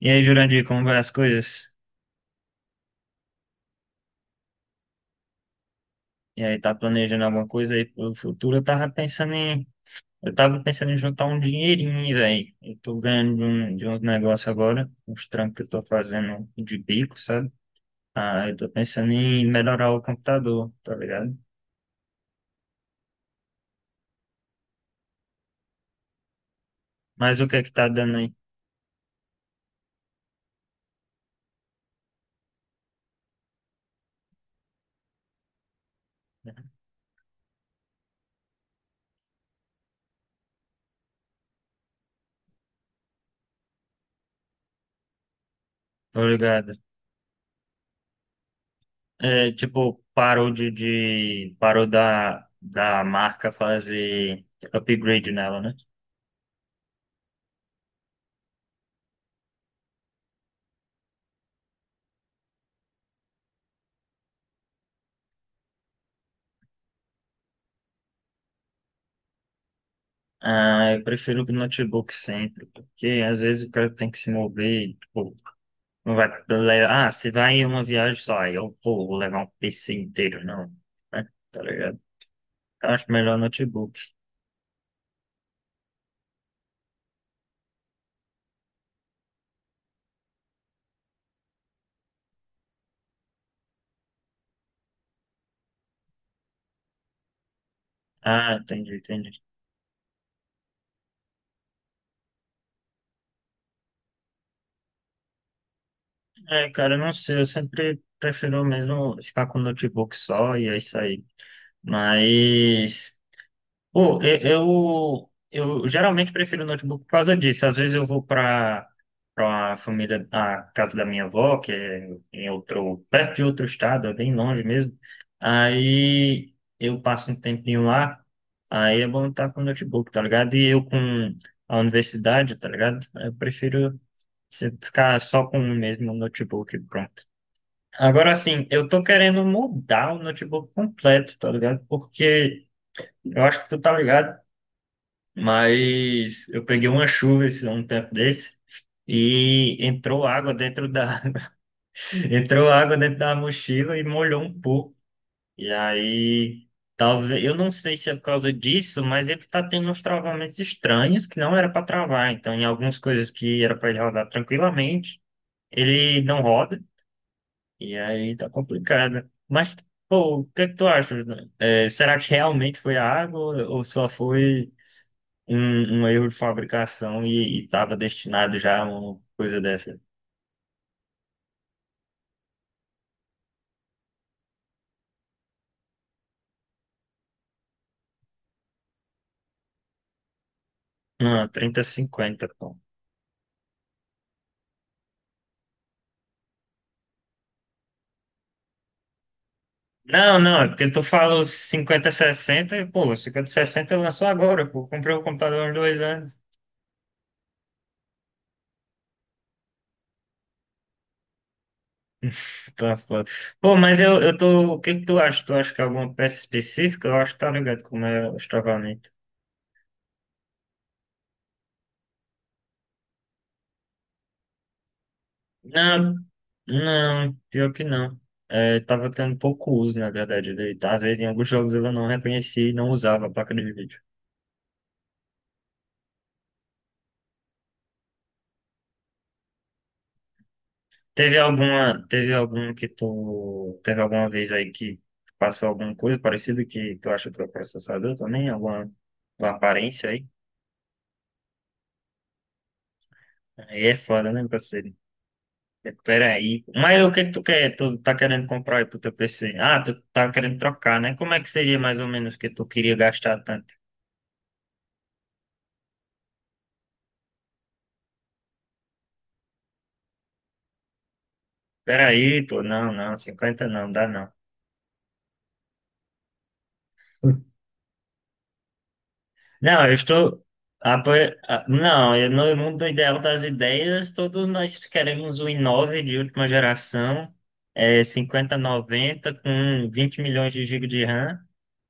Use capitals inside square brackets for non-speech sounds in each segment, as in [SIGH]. E aí, Jurandir, como vai as coisas? E aí, tá planejando alguma coisa aí pro futuro? Eu tava pensando em juntar um dinheirinho, velho. Eu tô ganhando de um negócio agora, uns trampos que eu tô fazendo de bico, sabe? Ah, eu tô pensando em melhorar o computador, tá ligado? Mas o que é que tá dando aí? Tô ligado. É, tipo, parou da marca fazer upgrade nela, né? Ah, eu prefiro o notebook sempre, porque às vezes o cara tem que se mover, e, tipo, não vai levar, ah, você vai em uma viagem só, aí eu, pô, vou levar um PC inteiro, não, né? Tá ligado? Eu acho melhor notebook. Ah, entendi, entendi. É, cara, eu não sei, eu sempre prefiro mesmo ficar com notebook só e é isso aí. Mas. Pô, eu geralmente prefiro notebook por causa disso. Às vezes eu vou para a família, a casa da minha avó, que é perto de outro estado, é bem longe mesmo. Aí eu passo um tempinho lá, aí é bom estar com notebook, tá ligado? E eu com a universidade, tá ligado? Eu prefiro ficar só com o mesmo notebook, e pronto. Agora sim, eu tô querendo mudar o notebook completo, tá ligado? Porque eu acho que tu tá ligado. Mas eu peguei uma chuva um tempo desse e entrou água dentro da [LAUGHS] entrou água dentro da mochila e molhou um pouco. E aí, talvez, eu não sei se é por causa disso, mas ele tá tendo uns travamentos estranhos que não era para travar. Então, em algumas coisas que era para ele rodar tranquilamente, ele não roda. E aí tá complicado. Mas, pô, o que é que tu acha, né? É, será que realmente foi a água ou só foi um erro de fabricação e estava destinado já a uma coisa dessa. Não, trinta 50, pô. Não, não, é porque tu fala os 50 sessenta e, pô, 50 sessenta lançou agora, pô. Comprei o computador há 2 anos. Tá foda. Pô, mas eu tô. O que que tu acha? Tu acha que é alguma peça específica? Eu acho que tá ligado como é o estravamento. Não, não, pior que não. É, tava tendo pouco uso, na verdade, dele, tá? Às vezes em alguns jogos eu não reconhecia e não usava a placa de vídeo. Teve alguma vez aí que passou alguma coisa parecida que tu acha que tu é processador também? Alguma aparência aí? Aí é foda, né, parceiro? É, peraí. Mas o que que tu quer? Tu tá querendo comprar aí pro teu PC? Ah, tu tá querendo trocar, né? Como é que seria mais ou menos que tu queria gastar tanto? Peraí, pô, não, não, 50 não, dá não. Não, eu estou. apo- Não, no mundo ideal das ideias, todos nós queremos o i9 de última geração, é, 5090 com 20 milhões de gigas de RAM,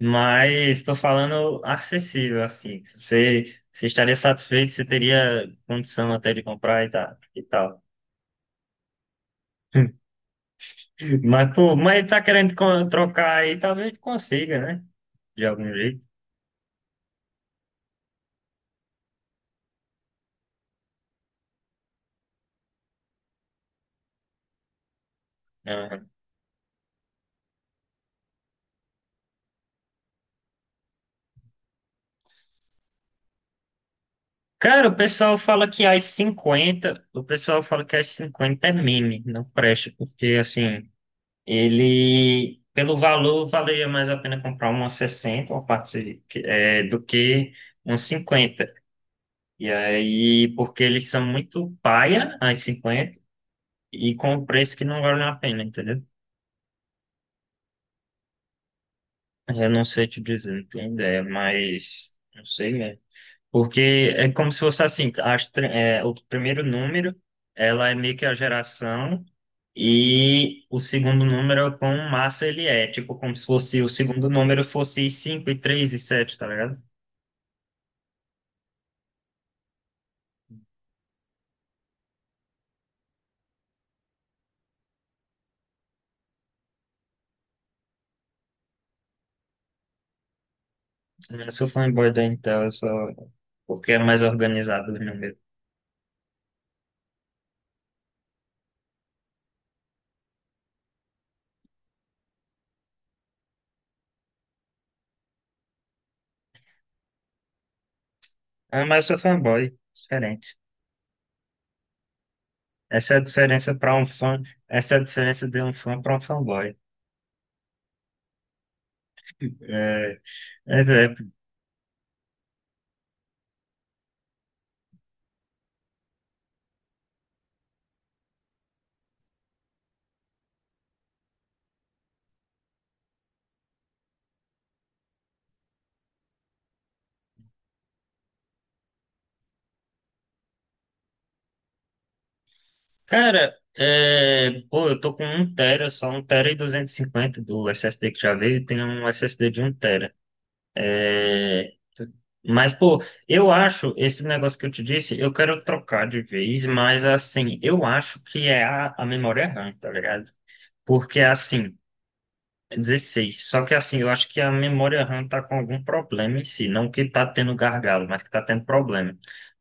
mas estou falando acessível, assim. Você estaria satisfeito, você teria condição até de comprar e tal. E tal. Mas, pô, mas tá querendo trocar aí, talvez consiga, né? De algum jeito. Cara, o pessoal fala que as 50 é meme, não presta, porque assim, ele, pelo valor, valeria mais a pena comprar uma 60 uma parte é, do que uma cinquenta. E aí, porque eles são muito paia, as 50 e com um preço que não vale a pena, entendeu? Eu não sei te dizer, não tenho ideia, mas não sei mesmo. Porque é como se fosse assim, é, o primeiro número, ela é meio que a geração, e o segundo número é quão massa ele é. Tipo, como se fosse o segundo número fosse 5 e 3 e sete, tá ligado? Eu sou fanboy da Intel, eu sou... porque é mais organizado o número. Ah, mas eu sou fanboy, diferente. Essa é a diferença para um fã, essa é a diferença de um fã para um fanboy. É, cara, é, pô, eu tô com um tera, só um tera e 250 do SSD que já veio, e tem um SSD de um tera. É, mas, pô, eu acho, esse negócio que eu te disse, eu quero trocar de vez, mas assim, eu acho que é a memória RAM, tá ligado? Porque assim, 16. Só que assim, eu acho que a memória RAM tá com algum problema em si. Não que tá tendo gargalo, mas que tá tendo problema.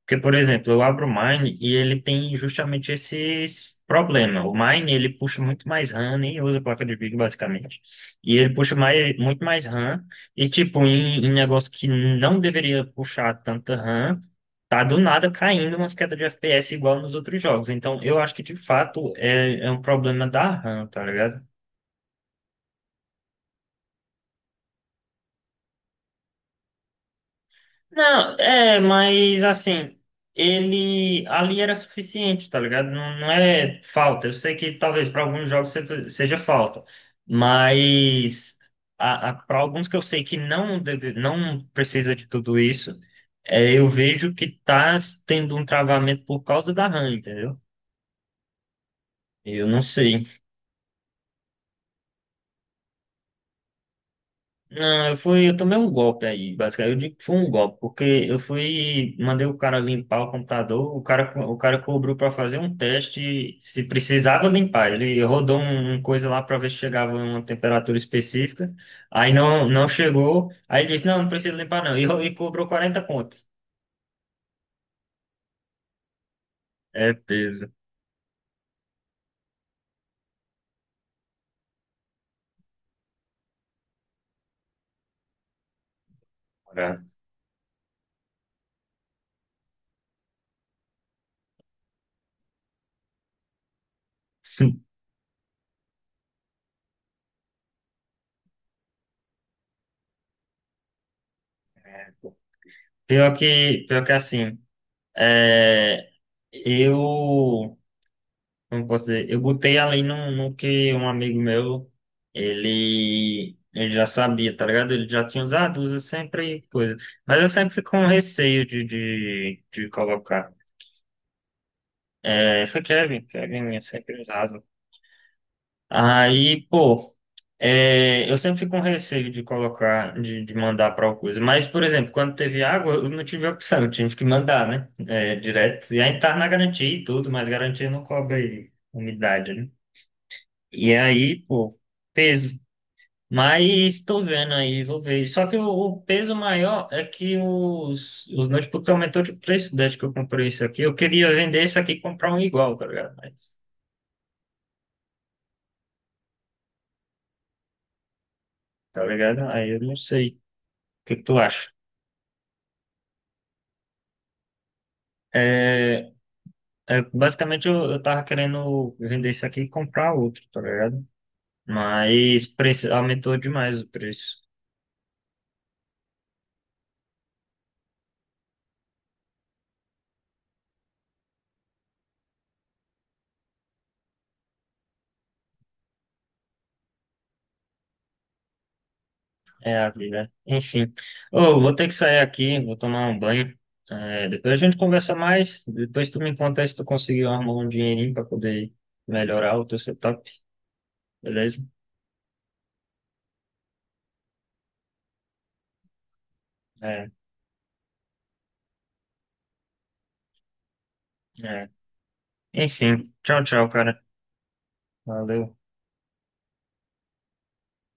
Porque, por exemplo, eu abro o Mine e ele tem justamente esse problema. O Mine, ele puxa muito mais RAM, nem usa placa de vídeo, basicamente. E ele puxa mais, muito mais RAM. E, tipo, em negócio que não deveria puxar tanta RAM, tá do nada caindo umas quedas de FPS igual nos outros jogos. Então, eu acho que, de fato, é um problema da RAM, tá ligado? Não, é, mas assim, ele ali era suficiente, tá ligado? Não, não é falta. Eu sei que talvez para alguns jogos seja falta, mas para alguns que eu sei que não deve, não precisa de tudo isso, é, eu vejo que tá tendo um travamento por causa da RAM, entendeu? Eu não sei. Não, eu tomei um golpe aí, basicamente. Eu digo que foi um golpe, porque mandei o cara limpar o computador, o cara cobrou para fazer um teste se precisava limpar. Ele rodou uma coisa lá para ver se chegava a uma temperatura específica. Aí não, não chegou. Aí ele disse, não, não precisa limpar não. E, e cobrou 40 conto. É peso. Cara. [LAUGHS] Pior que assim, é, eu, como posso dizer, eu botei ali no que um amigo meu, ele já sabia, tá ligado? Ele já tinha usado, usa sempre coisa. Mas eu sempre fico com receio de colocar. É, foi Kevin, Kevin eu sempre usava. Aí, pô, é, eu sempre fico com receio de colocar, de mandar para alguma coisa. Mas, por exemplo, quando teve água, eu não tive opção, eu tive que mandar, né? É, direto. E aí tá na garantia e tudo, mas garantia não cobre umidade, né? E aí, pô, peso. Mas tô vendo aí, vou ver. Só que o peso maior é que os notebooks aumentou de preço desde que eu comprei isso aqui. Eu queria vender isso aqui e comprar um igual, tá ligado? Mas, tá ligado? Aí eu não sei. O que que tu acha? É, é, basicamente, eu tava querendo vender isso aqui e comprar outro, tá ligado? Mas preço, aumentou demais o preço. É a vida. Enfim. Ô, vou ter que sair aqui, vou tomar um banho. É, depois a gente conversa mais. Depois tu me conta aí se tu conseguiu arrumar um dinheirinho para poder melhorar o teu setup, beleza? É, é. Enfim. Tchau, tchau, cara. Valeu.